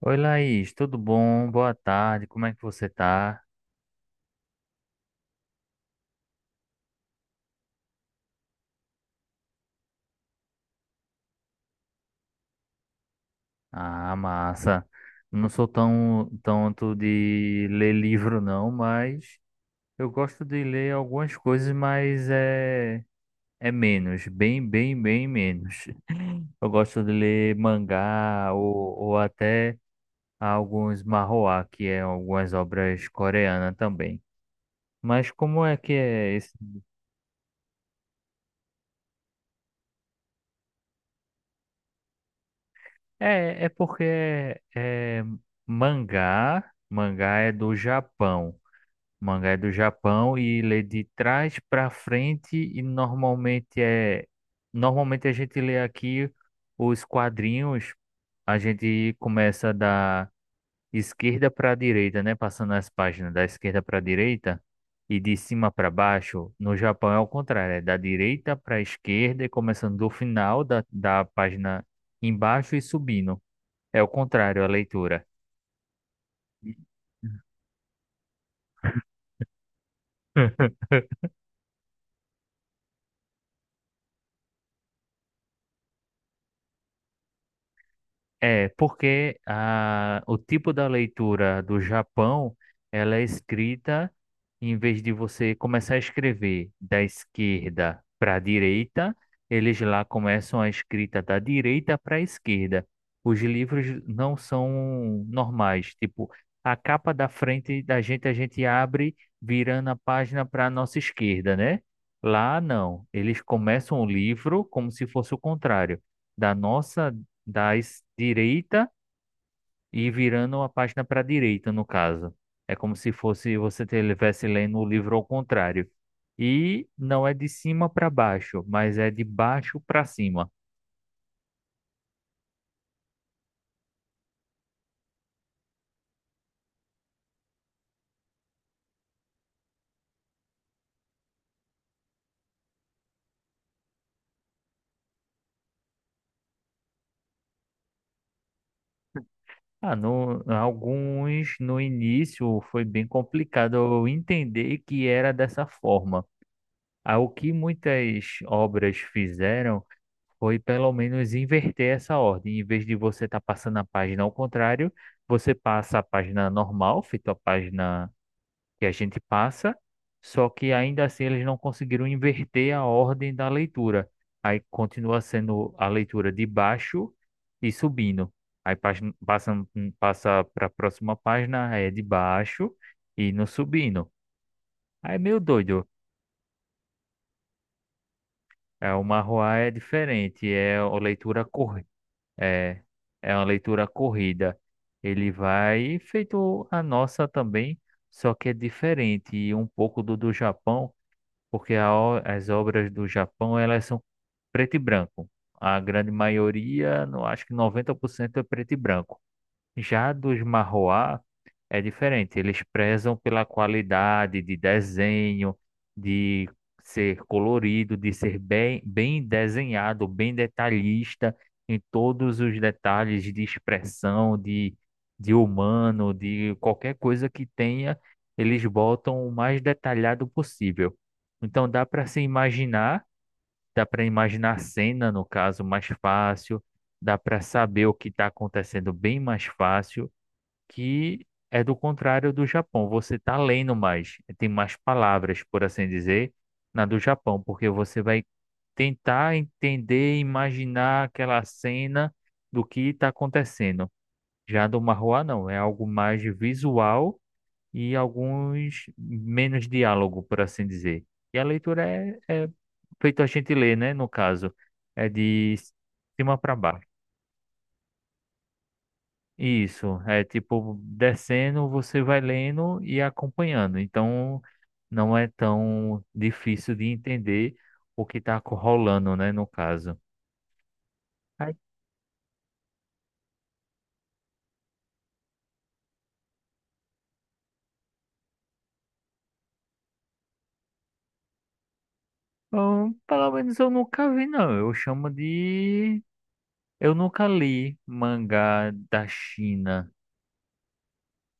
Oi, Laís, tudo bom? Boa tarde, como é que você tá? Ah, massa. Não sou tão tanto de ler livro, não, mas eu gosto de ler algumas coisas, mas é, é menos, bem menos. Eu gosto de ler mangá ou até alguns manhwa, que é algumas obras coreanas também. Mas como é que é esse? É, é porque é, mangá é do Japão. Mangá é do Japão e lê de trás para frente e normalmente a gente lê aqui os quadrinhos, a gente começa da esquerda para a direita, né, passando as páginas da esquerda para a direita e de cima para baixo. No Japão é o contrário, é da direita para a esquerda e começando do final da página embaixo e subindo. É o contrário, a leitura. É, porque a, o tipo da leitura do Japão, ela é escrita, em vez de você começar a escrever da esquerda para a direita, eles lá começam a escrita da direita para a esquerda. Os livros não são normais, tipo, a capa da frente da gente a gente abre virando a página para a nossa esquerda, né? Lá não, eles começam o livro como se fosse o contrário da nossa da es- direita e virando uma página para a direita, no caso. É como se fosse você estivesse lendo o livro ao contrário. E não é de cima para baixo, mas é de baixo para cima. Ah, no, alguns no início foi bem complicado eu entender que era dessa forma. Ah, o que muitas obras fizeram foi pelo menos inverter essa ordem. Em vez de você estar passando a página ao contrário, você passa a página normal, feito a página que a gente passa, só que ainda assim eles não conseguiram inverter a ordem da leitura. Aí continua sendo a leitura de baixo e subindo. Aí passa, passa para a próxima página, é de baixo e no subindo. Aí é meio doido. É uma rua é diferente, é uma leitura cor, é, é uma leitura corrida. Ele vai feito a nossa também, só que é diferente e um pouco do Japão porque a o- as obras do Japão elas são preto e branco. A grande maioria, não acho que 90% é preto e branco. Já dos Marroá é diferente, eles prezam pela qualidade de desenho, de ser colorido, de ser bem desenhado, bem detalhista em todos os detalhes de expressão, de humano, de qualquer coisa que tenha, eles botam o mais detalhado possível. Então dá para se imaginar, dá para imaginar a cena, no caso, mais fácil, dá para saber o que está acontecendo bem mais fácil que é do contrário do Japão. Você está lendo mais, tem mais palavras, por assim dizer, na do Japão, porque você vai tentar entender, imaginar aquela cena do que está acontecendo. Já do Marroá, não, é algo mais visual e alguns menos diálogo, por assim dizer. E a leitura é, é feito a gente ler, né? No caso, é de cima para baixo. Isso, é tipo descendo, você vai lendo e acompanhando. Então não é tão difícil de entender o que está rolando, né, no caso. Aí, bom, pelo menos eu nunca vi, não. Eu chamo de. Eu nunca li mangá da China.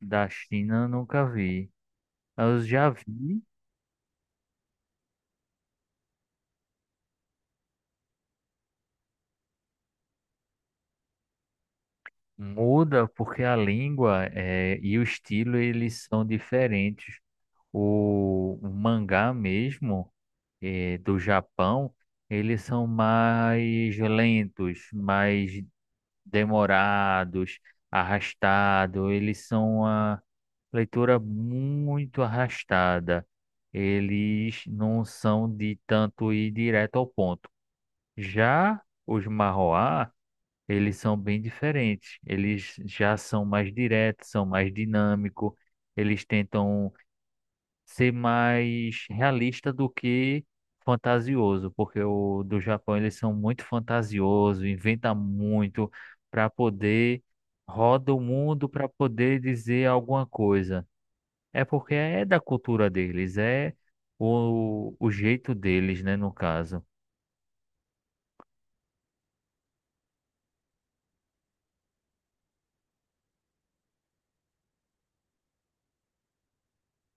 Da China eu nunca vi. Eu já vi, muda porque a língua é, e o estilo eles são diferentes. O mangá mesmo. Do Japão, eles são mais lentos, mais demorados, arrastados. Eles são uma leitura muito arrastada. Eles não são de tanto ir direto ao ponto. Já os Marroá, eles são bem diferentes. Eles já são mais diretos, são mais dinâmicos. Eles tentam ser mais realista do que fantasioso, porque o do Japão eles são muito fantasiosos, inventa muito para poder roda o mundo para poder dizer alguma coisa. É porque é da cultura deles, é o jeito deles, né, no caso.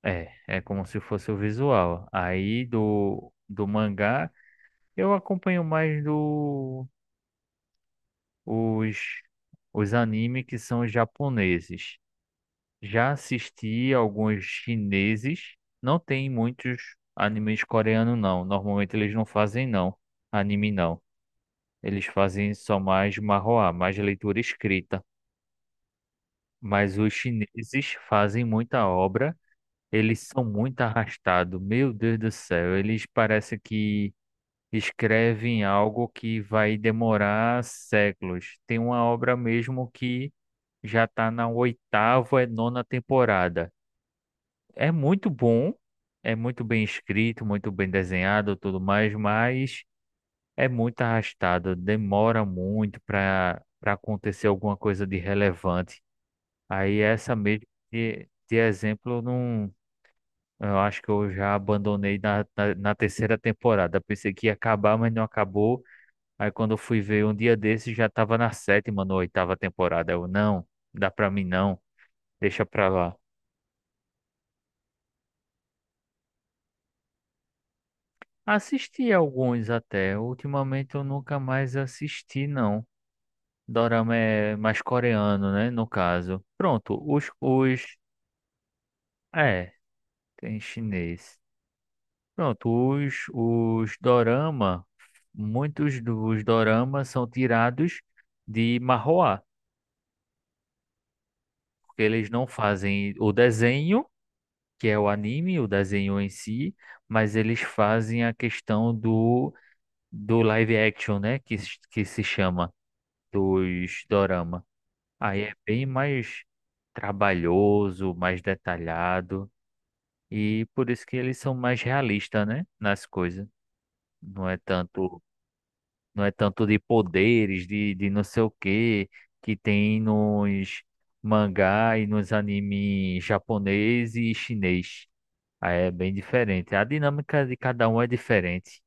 É, é como se fosse o visual. Aí do mangá eu acompanho mais do os os anime que são os japoneses. Já assisti alguns chineses. Não tem muitos animes coreanos, não. Normalmente eles não fazem, não. Anime, não. Eles fazem só mais manhwa, mais leitura escrita. Mas os chineses fazem muita obra. Eles são muito arrastados. Meu Deus do céu. Eles parecem que escrevem algo que vai demorar séculos. Tem uma obra mesmo que já está na oitava e nona temporada. É muito bom, é muito bem escrito, muito bem desenhado, tudo mais, mas é muito arrastado, demora muito para acontecer alguma coisa de relevante. Aí essa mesmo de exemplo, eu não, eu acho que eu já abandonei na terceira temporada. Pensei que ia acabar, mas não acabou. Aí quando eu fui ver um dia desses já estava na sétima, na oitava temporada. Eu, não, dá para mim não, deixa para lá. Assisti alguns até. Ultimamente eu nunca mais assisti, não. Dorama é mais coreano, né? No caso. Pronto, os... É, tem chinês. Pronto, os dorama, muitos dos doramas são tirados de manhwa, porque eles não fazem o desenho, que é o anime, o desenho em si, mas eles fazem a questão do live action, né? Que se chama dos dorama. Aí é bem mais trabalhoso, mais detalhado e por isso que eles são mais realistas, né, nas coisas. Não é tanto, não é tanto de poderes, de não sei o quê que tem nos mangá e nos anime japonês e chinês. Aí é bem diferente. A dinâmica de cada um é diferente.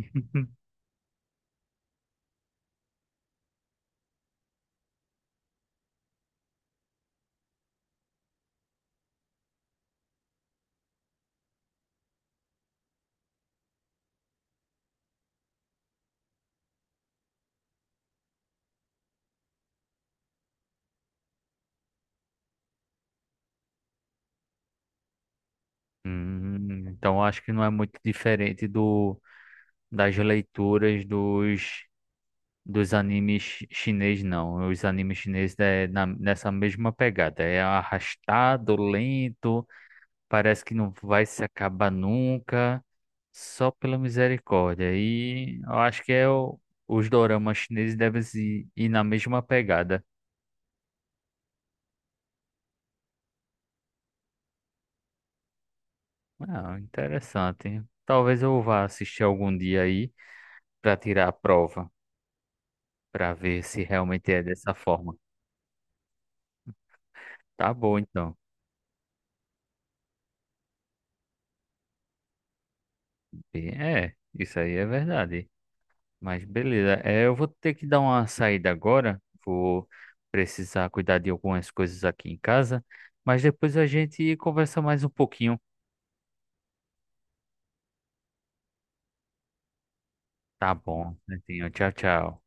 Então acho que não é muito diferente do das leituras dos dos animes chi- chinês, não. Os animes chineses é na- nessa mesma pegada. É arrastado, lento, parece que não vai se acabar nunca, só pela misericórdia. E eu acho que é o- os doramas chineses devem se ir na mesma pegada. Ah, interessante. Talvez eu vá assistir algum dia aí para tirar a prova, para ver se realmente é dessa forma. Tá bom, então. É, isso aí é verdade. Mas beleza, é, eu vou ter que dar uma saída agora. Vou precisar cuidar de algumas coisas aqui em casa. Mas depois a gente conversa mais um pouquinho. Tá bom, Netinho. Tchau, tchau.